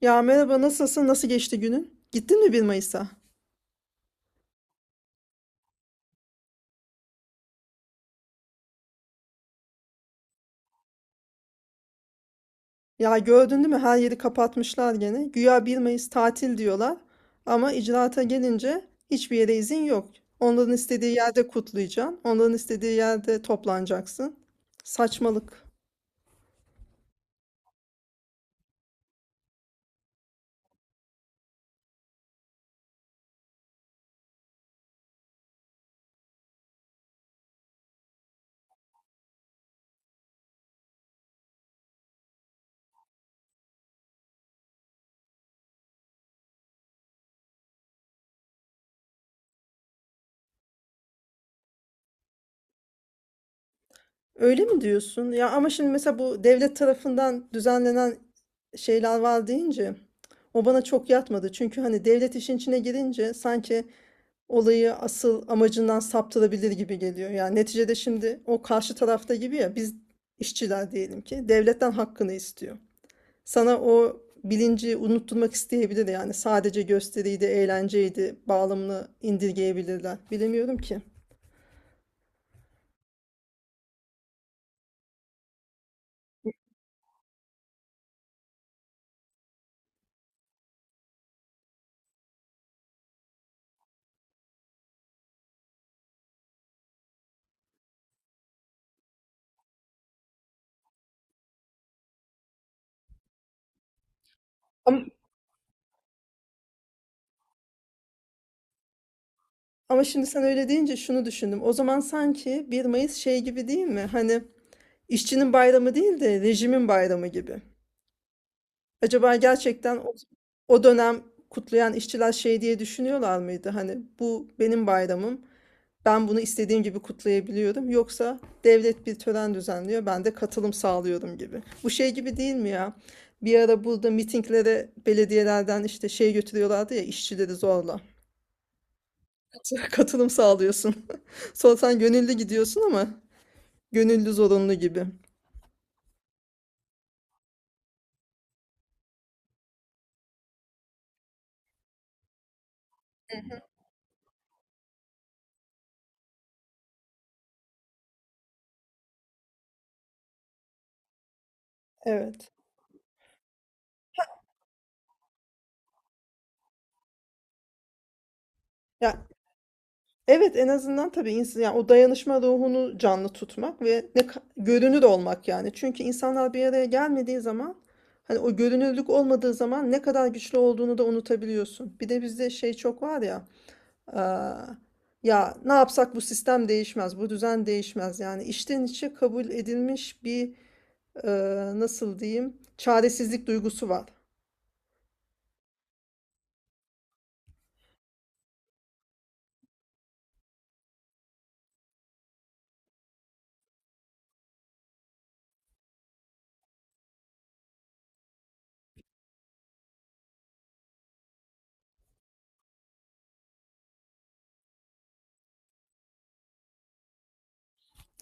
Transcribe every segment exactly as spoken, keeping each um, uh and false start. Ya merhaba, nasılsın? Nasıl geçti günün? Gittin mi bir Mayıs'a? Ya gördün değil mi? Her yeri kapatmışlar gene. Güya bir Mayıs tatil diyorlar. Ama icraata gelince hiçbir yere izin yok. Onların istediği yerde kutlayacaksın. Onların istediği yerde toplanacaksın. Saçmalık. Öyle mi diyorsun? Ya ama şimdi mesela bu devlet tarafından düzenlenen şeyler var deyince o bana çok yatmadı. Çünkü hani devlet işin içine girince sanki olayı asıl amacından saptırabilir gibi geliyor. Yani neticede şimdi o karşı tarafta gibi, ya biz işçiler diyelim ki devletten hakkını istiyor. Sana o bilinci unutturmak isteyebilir, yani sadece gösteriydi, eğlenceydi bağlamını indirgeyebilirler. Bilemiyorum ki. Ama, ama şimdi sen öyle deyince şunu düşündüm. O zaman sanki bir Mayıs şey gibi değil mi? Hani işçinin bayramı değil de rejimin bayramı gibi. Acaba gerçekten o, o dönem kutlayan işçiler şey diye düşünüyorlar mıydı? Hani bu benim bayramım. Ben bunu istediğim gibi kutlayabiliyorum. Yoksa devlet bir tören düzenliyor, ben de katılım sağlıyorum gibi. Bu şey gibi değil mi ya? Bir ara burada mitinglere belediyelerden işte şey götürüyorlardı ya, işçileri zorla. Katılım sağlıyorsun. Sonra sen gönüllü gidiyorsun ama gönüllü zorunlu gibi. Evet. Ya evet, en azından tabii insan yani o dayanışma ruhunu canlı tutmak ve ne ka- görünür olmak yani. Çünkü insanlar bir araya gelmediği zaman, hani o görünürlük olmadığı zaman ne kadar güçlü olduğunu da unutabiliyorsun. Bir de bizde şey çok var ya, aa, ya ne yapsak bu sistem değişmez, bu düzen değişmez. Yani içten içe kabul edilmiş bir e, nasıl diyeyim çaresizlik duygusu var.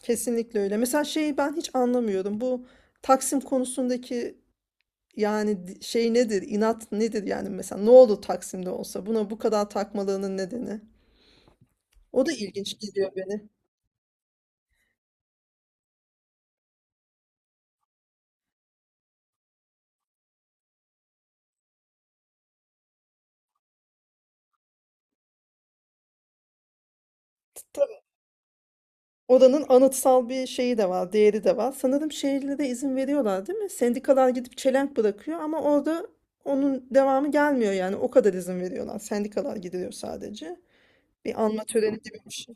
Kesinlikle öyle. Mesela şeyi ben hiç anlamıyorum. Bu Taksim konusundaki Yani di- şey nedir, inat nedir yani mesela ne oldu Taksim'de olsa buna bu kadar takmalarının nedeni. O da ilginç geliyor beni. Tabii. Oranın anıtsal bir şeyi de var, değeri de var. Sanırım şehirlere izin veriyorlar, değil mi? Sendikalar gidip çelenk bırakıyor ama orada onun devamı gelmiyor yani. O kadar izin veriyorlar. Sendikalar gidiyor sadece. Bir anma töreni gibi bir şey.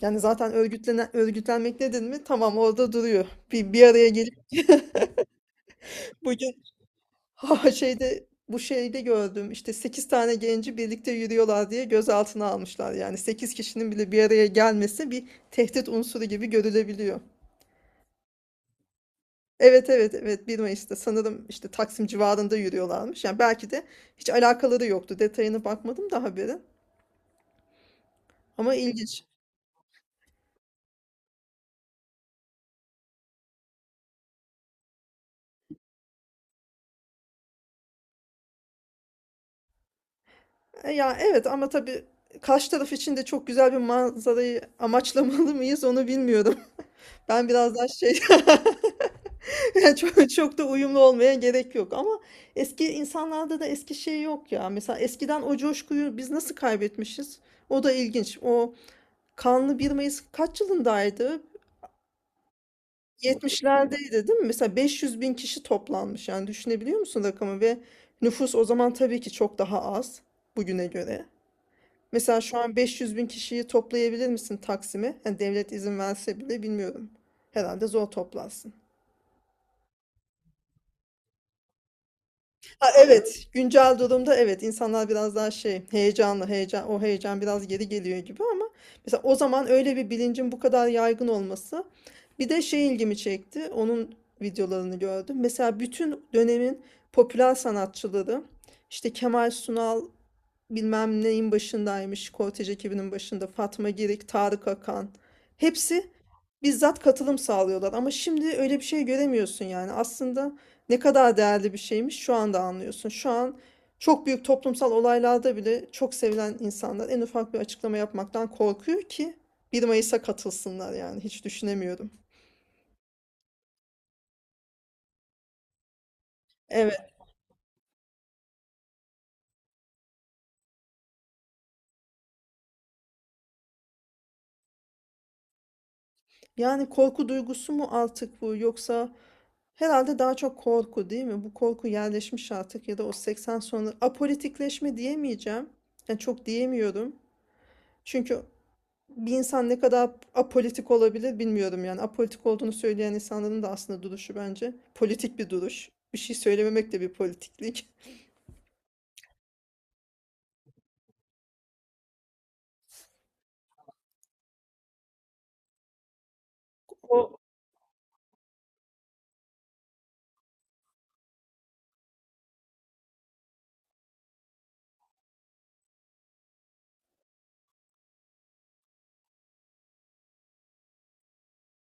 Yani zaten örgütlenen, örgütlenmek nedir mi? Tamam, orada duruyor. Bir, bir araya gelip bu ha, şeyde, bu şeyde gördüm işte sekiz tane genci birlikte yürüyorlar diye gözaltına almışlar. Yani sekiz kişinin bile bir araya gelmesi bir tehdit unsuru gibi görülebiliyor. Evet evet evet, bir Mayıs'ta sanırım işte Taksim civarında yürüyorlarmış. Yani belki de hiç alakaları yoktu. Detayına bakmadım da haberin. Ama ilginç. E, Ya evet, ama tabii karşı taraf için de çok güzel bir manzarayı amaçlamalı mıyız, onu bilmiyorum. Ben biraz daha şey. Çok, çok da uyumlu olmaya gerek yok ama eski insanlarda da eski şey yok ya. Mesela eskiden o coşkuyu biz nasıl kaybetmişiz? O da ilginç. O kanlı bir Mayıs kaç yılındaydı? yetmişlerdeydi değil mi? Mesela beş yüz bin kişi toplanmış. Yani düşünebiliyor musun rakamı? Ve nüfus o zaman tabii ki çok daha az bugüne göre. Mesela şu an beş yüz bin kişiyi toplayabilir misin Taksim'e? Yani devlet izin verse bile bilmiyorum. Herhalde zor toplarsın. Ha, evet, güncel durumda evet, insanlar biraz daha şey, heyecanlı, heyecan, o heyecan biraz geri geliyor gibi ama mesela o zaman öyle bir bilincin bu kadar yaygın olması, bir de şey ilgimi çekti, onun videolarını gördüm, mesela bütün dönemin popüler sanatçıları, işte Kemal Sunal bilmem neyin başındaymış, Kortej ekibinin başında Fatma Girik, Tarık Akan, hepsi bizzat katılım sağlıyorlar. Ama şimdi öyle bir şey göremiyorsun yani. Aslında ne kadar değerli bir şeymiş, şu anda anlıyorsun. Şu an çok büyük toplumsal olaylarda bile çok sevilen insanlar en ufak bir açıklama yapmaktan korkuyor ki bir Mayıs'a katılsınlar, yani hiç düşünemiyorum. Evet, yani korku duygusu mu artık bu, yoksa herhalde daha çok korku değil mi? Bu korku yerleşmiş artık, ya da o seksen sonra apolitikleşme diyemeyeceğim. Yani çok diyemiyorum. Çünkü bir insan ne kadar apolitik olabilir bilmiyorum yani. Apolitik olduğunu söyleyen insanların da aslında duruşu bence politik bir duruş. Bir şey söylememek de bir politiklik. O,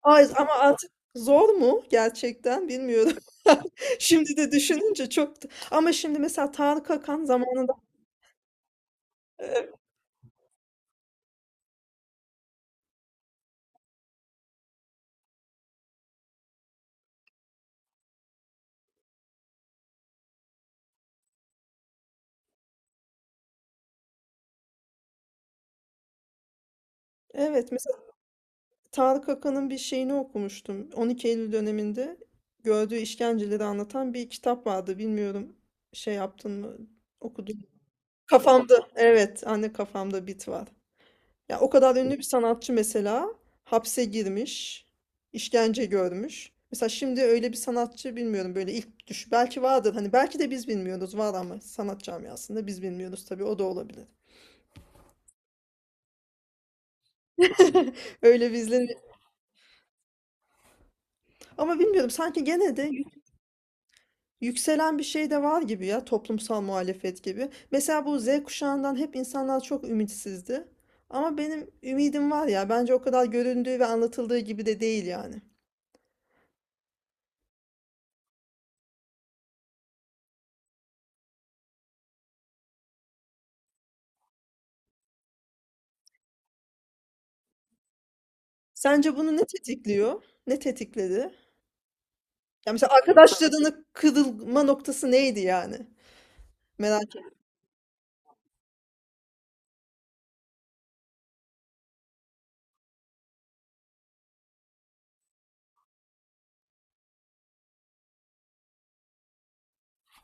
Ay, ama artık zor mu gerçekten bilmiyorum. Şimdi de düşününce çok. da- Ama şimdi mesela Tarık Akan zamanında E, evet, mesela Tarık Akan'ın bir şeyini okumuştum. 12 Eylül döneminde gördüğü işkenceleri anlatan bir kitap vardı. Bilmiyorum şey yaptın mı, okudun? Kafamda, evet, anne kafamda bit var. Ya o kadar ünlü bir sanatçı mesela hapse girmiş, işkence görmüş. Mesela şimdi öyle bir sanatçı bilmiyorum, böyle ilk düş belki vardır hani, belki de biz bilmiyoruz, var ama sanat camiasında biz bilmiyoruz tabii, o da olabilir. Öyle bir izlenim. Ama bilmiyorum, sanki gene de yük- yükselen bir şey de var gibi, ya toplumsal muhalefet gibi. Mesela bu Z kuşağından hep insanlar çok ümitsizdi. Ama benim ümidim var ya, bence o kadar göründüğü ve anlatıldığı gibi de değil yani. Sence bunu ne tetikliyor? Ne tetikledi? Ya mesela arkadaşlarının kırılma noktası neydi yani? Merak et.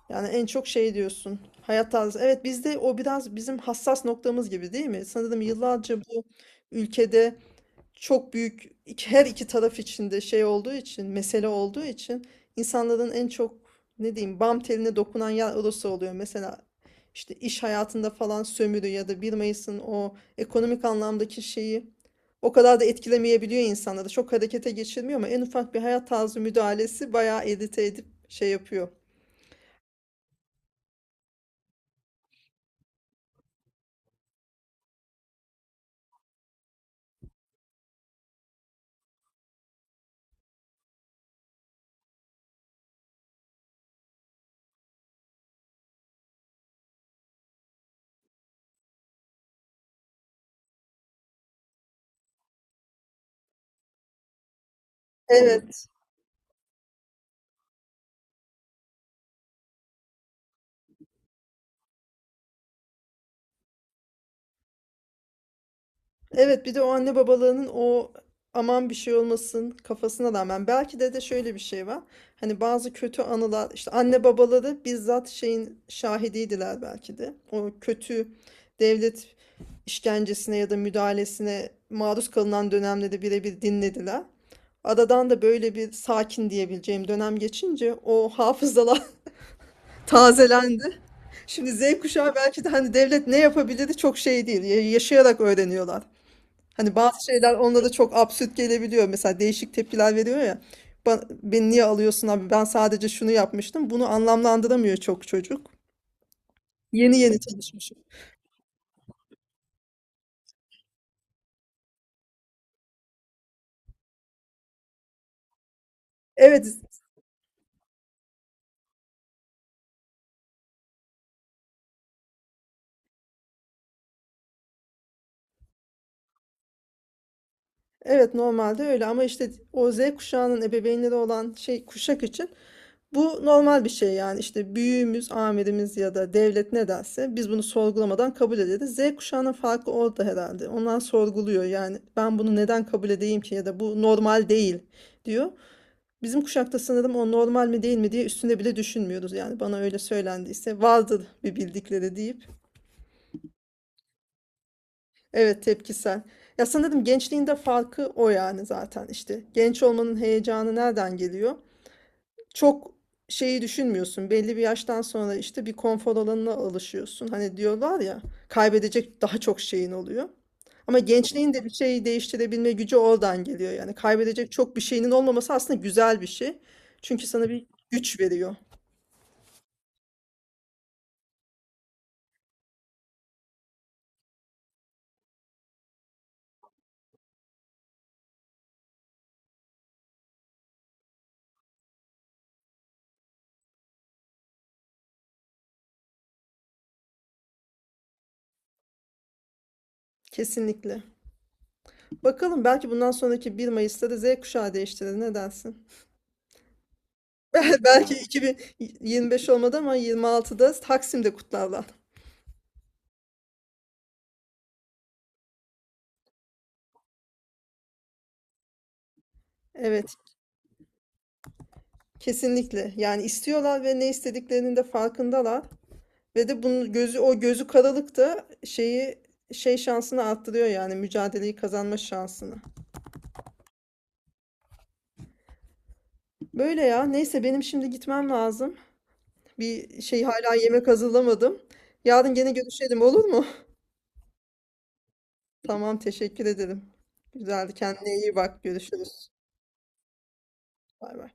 Yani en çok şey diyorsun, hayat tarzı. Evet, bizde o biraz bizim hassas noktamız gibi değil mi? Sanırım yıllarca bu ülkede çok büyük iki- her iki taraf içinde şey olduğu için, mesele olduğu için insanların en çok, ne diyeyim, bam teline dokunan yer orası oluyor. Mesela işte iş hayatında falan sömürü ya da bir mayıs Mayıs'ın o ekonomik anlamdaki şeyi o kadar da etkilemeyebiliyor insanları. Çok harekete geçirmiyor ama en ufak bir hayat tarzı müdahalesi bayağı edite edip şey yapıyor. Evet. Evet, bir de o anne babalığının o aman bir şey olmasın kafasına rağmen belki de de şöyle bir şey var. Hani bazı kötü anılar, işte anne babaları bizzat şeyin şahidiydiler belki de. O kötü devlet işkencesine ya da müdahalesine maruz kalınan dönemde de birebir dinlediler. Aradan da böyle bir sakin diyebileceğim dönem geçince o hafızalar tazelendi. Şimdi Z kuşağı belki de, hani devlet ne yapabilir çok şey değil, ya- yaşayarak öğreniyorlar. Hani bazı şeyler onlara çok absürt gelebiliyor. Mesela değişik tepkiler veriyor ya. Ba- Beni niye alıyorsun abi? Ben sadece şunu yapmıştım. Bunu anlamlandıramıyor çok çocuk. Yeni yeni tanışmışım. Evet, evet, normalde öyle ama işte o Z kuşağının ebeveynleri olan şey kuşak için bu normal bir şey, yani işte büyüğümüz, amirimiz ya da devlet ne derse biz bunu sorgulamadan kabul ederiz. Z kuşağının farkı orada herhalde. Onlar sorguluyor, yani ben bunu neden kabul edeyim ki, ya da bu normal değil diyor. Bizim kuşakta sanırım o normal mi değil mi diye üstüne bile düşünmüyoruz. Yani bana öyle söylendiyse vardır bir bildikleri deyip. Evet, tepkisel. Ya sanırım gençliğinde farkı o yani, zaten işte. Genç olmanın heyecanı nereden geliyor? Çok şeyi düşünmüyorsun. Belli bir yaştan sonra işte bir konfor alanına alışıyorsun. Hani diyorlar ya, kaybedecek daha çok şeyin oluyor. Ama gençliğin de bir şeyi değiştirebilme gücü oradan geliyor. Yani kaybedecek çok bir şeyinin olmaması aslında güzel bir şey. Çünkü sana bir güç veriyor. Kesinlikle. Bakalım, belki bundan sonraki bir Mayıs'ta da Z kuşağı değiştirir. Ne dersin? Belki iki bin yirmi beş olmadı ama yirmi altıda Taksim'de kutlarlar. Evet, kesinlikle. Yani istiyorlar ve ne istediklerinin de farkındalar. Ve de bunun gözü, o gözü karalık da şeyi, şey şansını arttırıyor yani, mücadeleyi kazanma şansını. Böyle ya. Neyse, benim şimdi gitmem lazım. Bir şey hala yemek hazırlamadım. Yarın gene görüşelim, olur mu? Tamam, teşekkür ederim. Güzeldi. Kendine iyi bak. Görüşürüz. Bay bay.